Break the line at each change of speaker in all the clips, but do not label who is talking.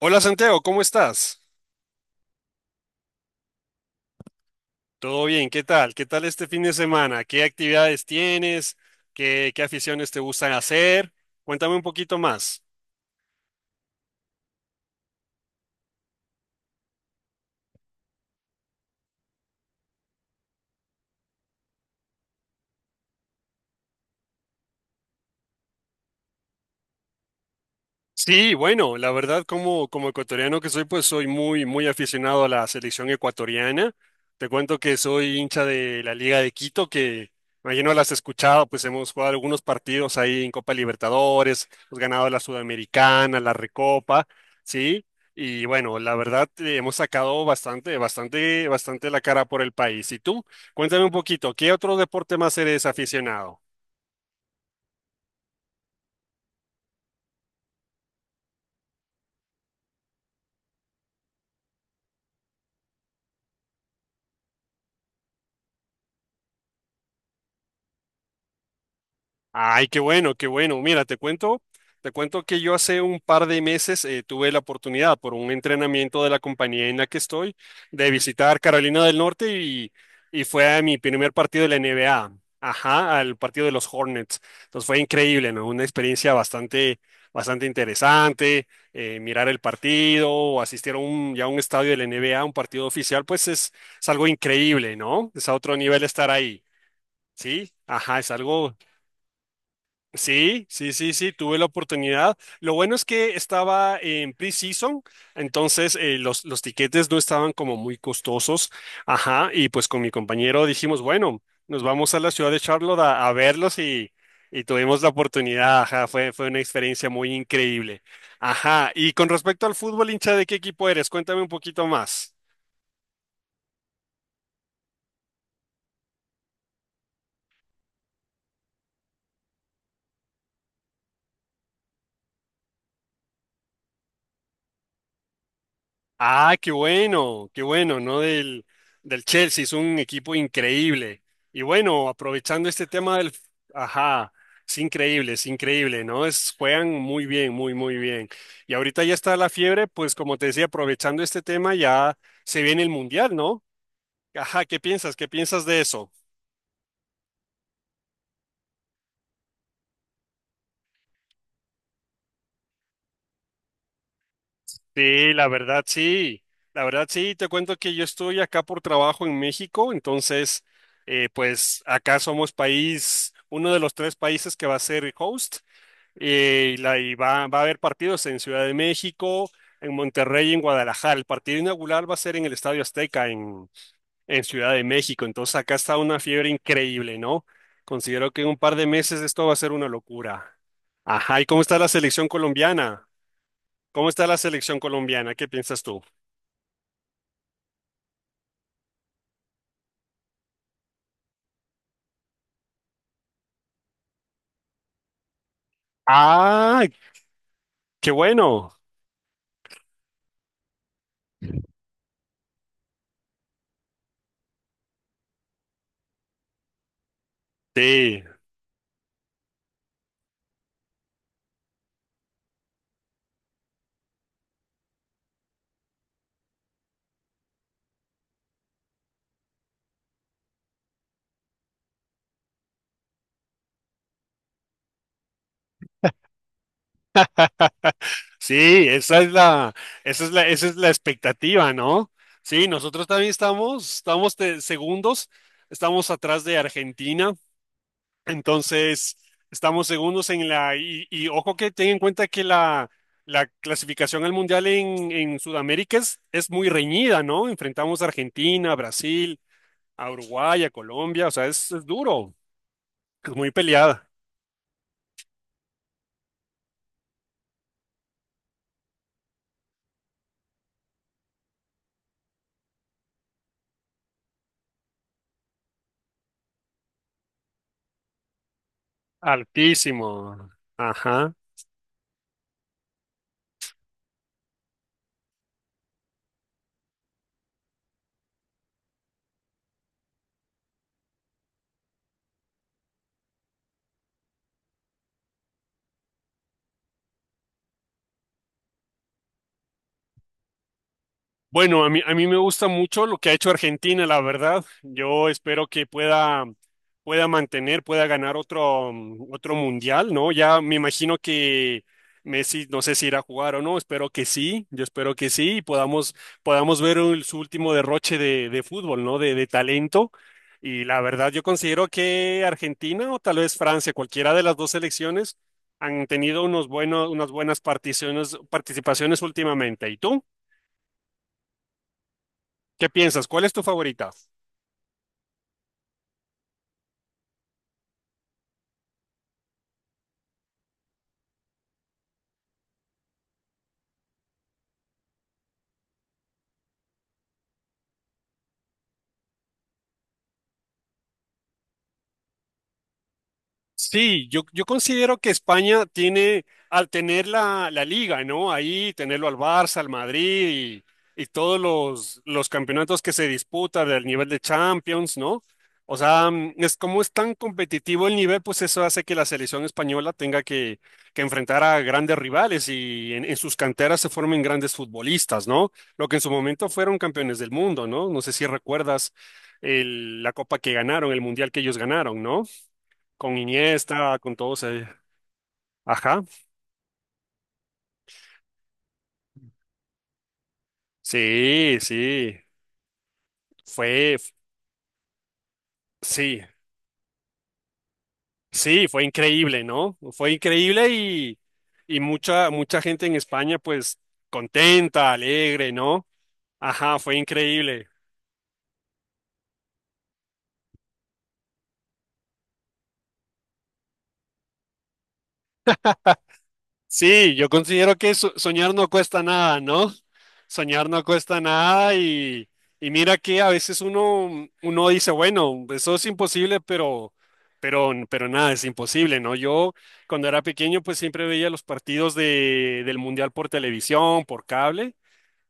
Hola Santiago, ¿cómo estás? ¿Todo bien? ¿Qué tal? ¿Qué tal este fin de semana? ¿Qué actividades tienes? ¿Qué aficiones te gustan hacer? Cuéntame un poquito más. Sí, bueno, la verdad como ecuatoriano que soy, pues soy muy, muy aficionado a la selección ecuatoriana. Te cuento que soy hincha de la Liga de Quito, que imagino las has escuchado, pues hemos jugado algunos partidos ahí en Copa Libertadores, hemos ganado la Sudamericana, la Recopa, ¿sí? Y bueno, la verdad hemos sacado bastante, bastante, bastante la cara por el país. ¿Y tú? Cuéntame un poquito, ¿qué otro deporte más eres aficionado? Ay, qué bueno, qué bueno. Mira, te cuento que yo hace un par de meses tuve la oportunidad por un entrenamiento de la compañía en la que estoy de visitar Carolina del Norte y fue a mi primer partido de la NBA, ajá, al partido de los Hornets. Entonces fue increíble, ¿no? Una experiencia bastante, bastante interesante. Mirar el partido o asistir a ya a un estadio de la NBA, un partido oficial, es algo increíble, ¿no? Es a otro nivel estar ahí. Sí, ajá, es algo. Sí, sí, sí, sí, tuve la oportunidad. Lo bueno es que estaba en pre-season, entonces los tiquetes no estaban como muy costosos. Ajá, y pues con mi compañero dijimos, bueno, nos vamos a la ciudad de Charlotte a verlos y tuvimos la oportunidad. Ajá, fue una experiencia muy increíble. Ajá, y con respecto al fútbol, hincha, ¿de qué equipo eres? Cuéntame un poquito más. Ah, qué bueno, ¿no? Del Chelsea, es un equipo increíble. Y bueno, aprovechando este tema del... Ajá, es increíble, ¿no? Es, juegan muy bien, muy, muy bien. Y ahorita ya está la fiebre, pues como te decía, aprovechando este tema, ya se viene el Mundial, ¿no? Ajá, ¿qué piensas? ¿Qué piensas de eso? Sí, la verdad sí, la verdad sí, te cuento que yo estoy acá por trabajo en México, entonces pues acá somos país, uno de los tres países que va a ser host va a haber partidos en Ciudad de México, en Monterrey y en Guadalajara. El partido inaugural va a ser en el Estadio Azteca en Ciudad de México, entonces acá está una fiebre increíble, ¿no? Considero que en un par de meses esto va a ser una locura. Ajá, ¿y cómo está la selección colombiana? ¿Cómo está la selección colombiana? ¿Qué piensas tú? Ah, qué bueno. Sí, sí, esa es la, esa es la, esa es la expectativa, ¿no? Sí, nosotros también estamos, estamos de segundos, estamos atrás de Argentina, entonces estamos segundos en la. Y ojo que ten en cuenta que la clasificación al mundial en Sudamérica es muy reñida, ¿no? Enfrentamos a Argentina, a Brasil, a Uruguay, a Colombia, o sea, es duro, es muy peleada. Altísimo. Ajá. Bueno, a mí me gusta mucho lo que ha hecho Argentina, la verdad. Yo espero que pueda mantener, pueda ganar otro, otro mundial, ¿no? Ya me imagino que Messi, no sé si irá a jugar o no, espero que sí, yo espero que sí, y podamos ver su último derroche de fútbol, ¿no? De talento. Y la verdad, yo considero que Argentina o tal vez Francia, cualquiera de las dos selecciones, han tenido unos buenos, unas buenas particiones, participaciones últimamente. ¿Y tú? ¿Qué piensas? ¿Cuál es tu favorita? Sí, yo considero que España tiene, al tener la liga, ¿no? Ahí tenerlo al Barça, al Madrid y todos los campeonatos que se disputan del nivel de Champions, ¿no? O sea, es como es tan competitivo el nivel, pues eso hace que la selección española tenga que enfrentar a grandes rivales y en sus canteras se formen grandes futbolistas, ¿no? Lo que en su momento fueron campeones del mundo, ¿no? No sé si recuerdas la copa que ganaron, el mundial que ellos ganaron, ¿no? Con Iniesta, con todos ellos. Ajá. Sí, sí. Fue, sí, sí, fue increíble, ¿no? Fue increíble y mucha, mucha gente en España, pues, contenta, alegre, ¿no? Ajá, fue increíble. Sí, yo considero que soñar no cuesta nada, ¿no? Soñar no cuesta nada y mira que a veces uno dice, bueno, eso es imposible, pero nada, es imposible, ¿no? Yo cuando era pequeño pues siempre veía los partidos del Mundial por televisión, por cable.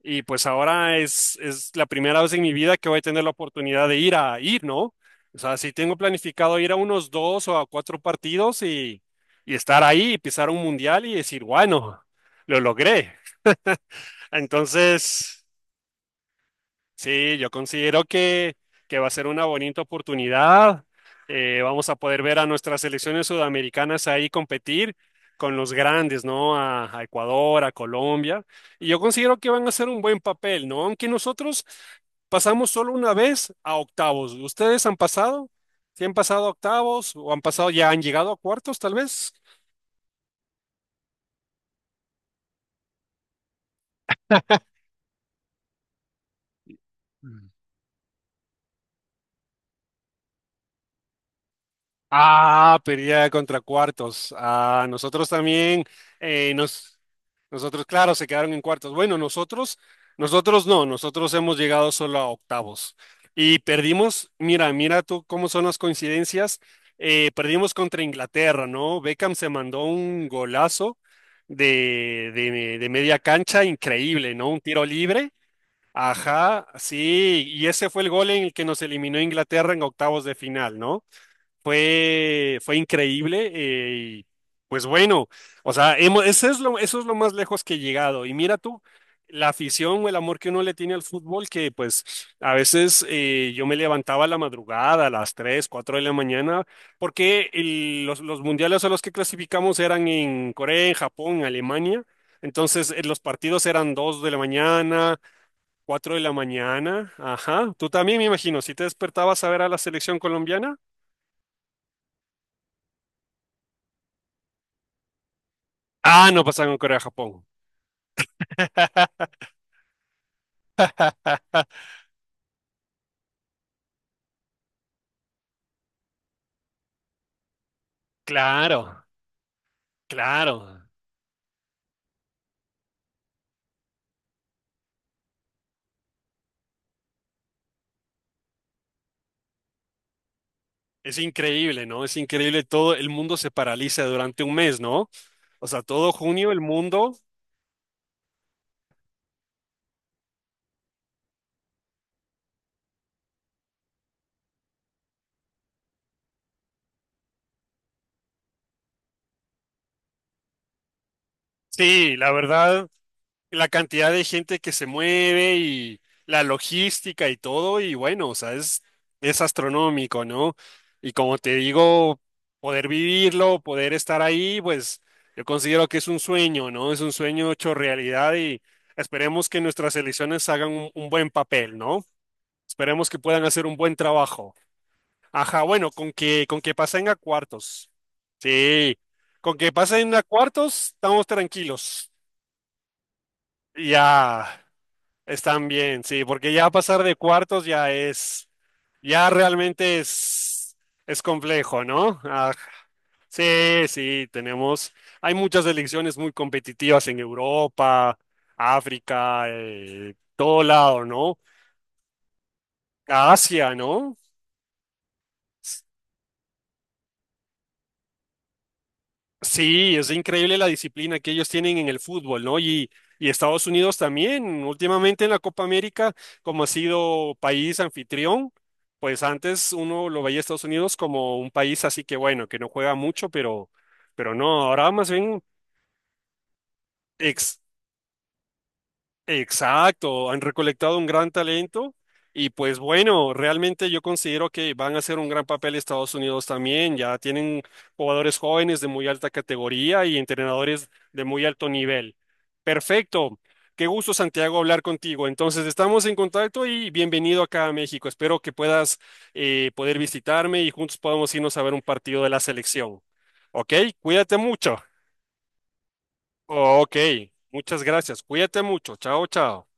Y pues ahora es la primera vez en mi vida que voy a tener la oportunidad de ir a ir, ¿no? O sea, sí tengo planificado ir a unos dos o a cuatro partidos y estar ahí y pisar un mundial y decir, bueno, lo logré. Entonces, sí, yo considero que va a ser una bonita oportunidad. Vamos a poder ver a nuestras selecciones sudamericanas ahí competir con los grandes, ¿no? A Ecuador, a Colombia. Y yo considero que van a hacer un buen papel, ¿no? Aunque nosotros pasamos solo una vez a octavos. ¿Ustedes han pasado? ¿Sí han pasado a octavos o han pasado, ya han llegado a cuartos, tal vez? Ah, pelea contra cuartos. Ah, nosotros también, eh, nos, nosotros, claro, se quedaron en cuartos. Bueno, nosotros no, nosotros hemos llegado solo a octavos. Y perdimos, mira, mira tú cómo son las coincidencias. Perdimos contra Inglaterra, ¿no? Beckham se mandó un golazo de media cancha, increíble, ¿no? Un tiro libre. Ajá, sí, y ese fue el gol en el que nos eliminó Inglaterra en octavos de final, ¿no? Fue increíble y pues bueno, o sea, hemos, eso es lo más lejos que he llegado. Y mira tú, la afición o el amor que uno le tiene al fútbol, que pues a veces yo me levantaba a la madrugada, a las 3, 4 de la mañana, porque los mundiales a los que clasificamos eran en Corea, en Japón, en Alemania. Entonces, los partidos eran 2 de la mañana, 4 de la mañana. Ajá, tú también me imagino, si te despertabas a ver a la selección colombiana. Ah, no pasa con Corea-Japón. Claro, claro. Es increíble, ¿no? Es increíble. Todo el mundo se paraliza durante un mes, ¿no? O sea, todo junio el mundo. Sí, la verdad, la cantidad de gente que se mueve y la logística y todo, y bueno, o sea, es astronómico, ¿no? Y como te digo, poder vivirlo, poder estar ahí, pues yo considero que es un sueño, ¿no? Es un sueño hecho realidad y esperemos que nuestras elecciones hagan un buen papel, ¿no? Esperemos que puedan hacer un buen trabajo. Ajá, bueno, con que pasen a cuartos. Sí, con que pasen a cuartos, estamos tranquilos. Ya. Están bien, sí, porque ya pasar de cuartos ya es, ya realmente es complejo, ¿no? Ah, sí, sí, tenemos, hay muchas elecciones muy competitivas en Europa, África, todo lado, ¿no? Asia, ¿no? Sí, es increíble la disciplina que ellos tienen en el fútbol, ¿no? Y Estados Unidos también, últimamente en la Copa América, como ha sido país anfitrión, pues antes uno lo veía a Estados Unidos como un país así que bueno, que no juega mucho, pero no, ahora más bien. Exacto, han recolectado un gran talento y pues bueno, realmente yo considero que van a hacer un gran papel Estados Unidos también, ya tienen jugadores jóvenes de muy alta categoría y entrenadores de muy alto nivel. Perfecto, qué gusto Santiago hablar contigo. Entonces estamos en contacto y bienvenido acá a México. Espero que puedas poder visitarme y juntos podamos irnos a ver un partido de la selección. ¿Ok? Cuídate mucho. Ok, muchas gracias. Cuídate mucho. Chao, chao.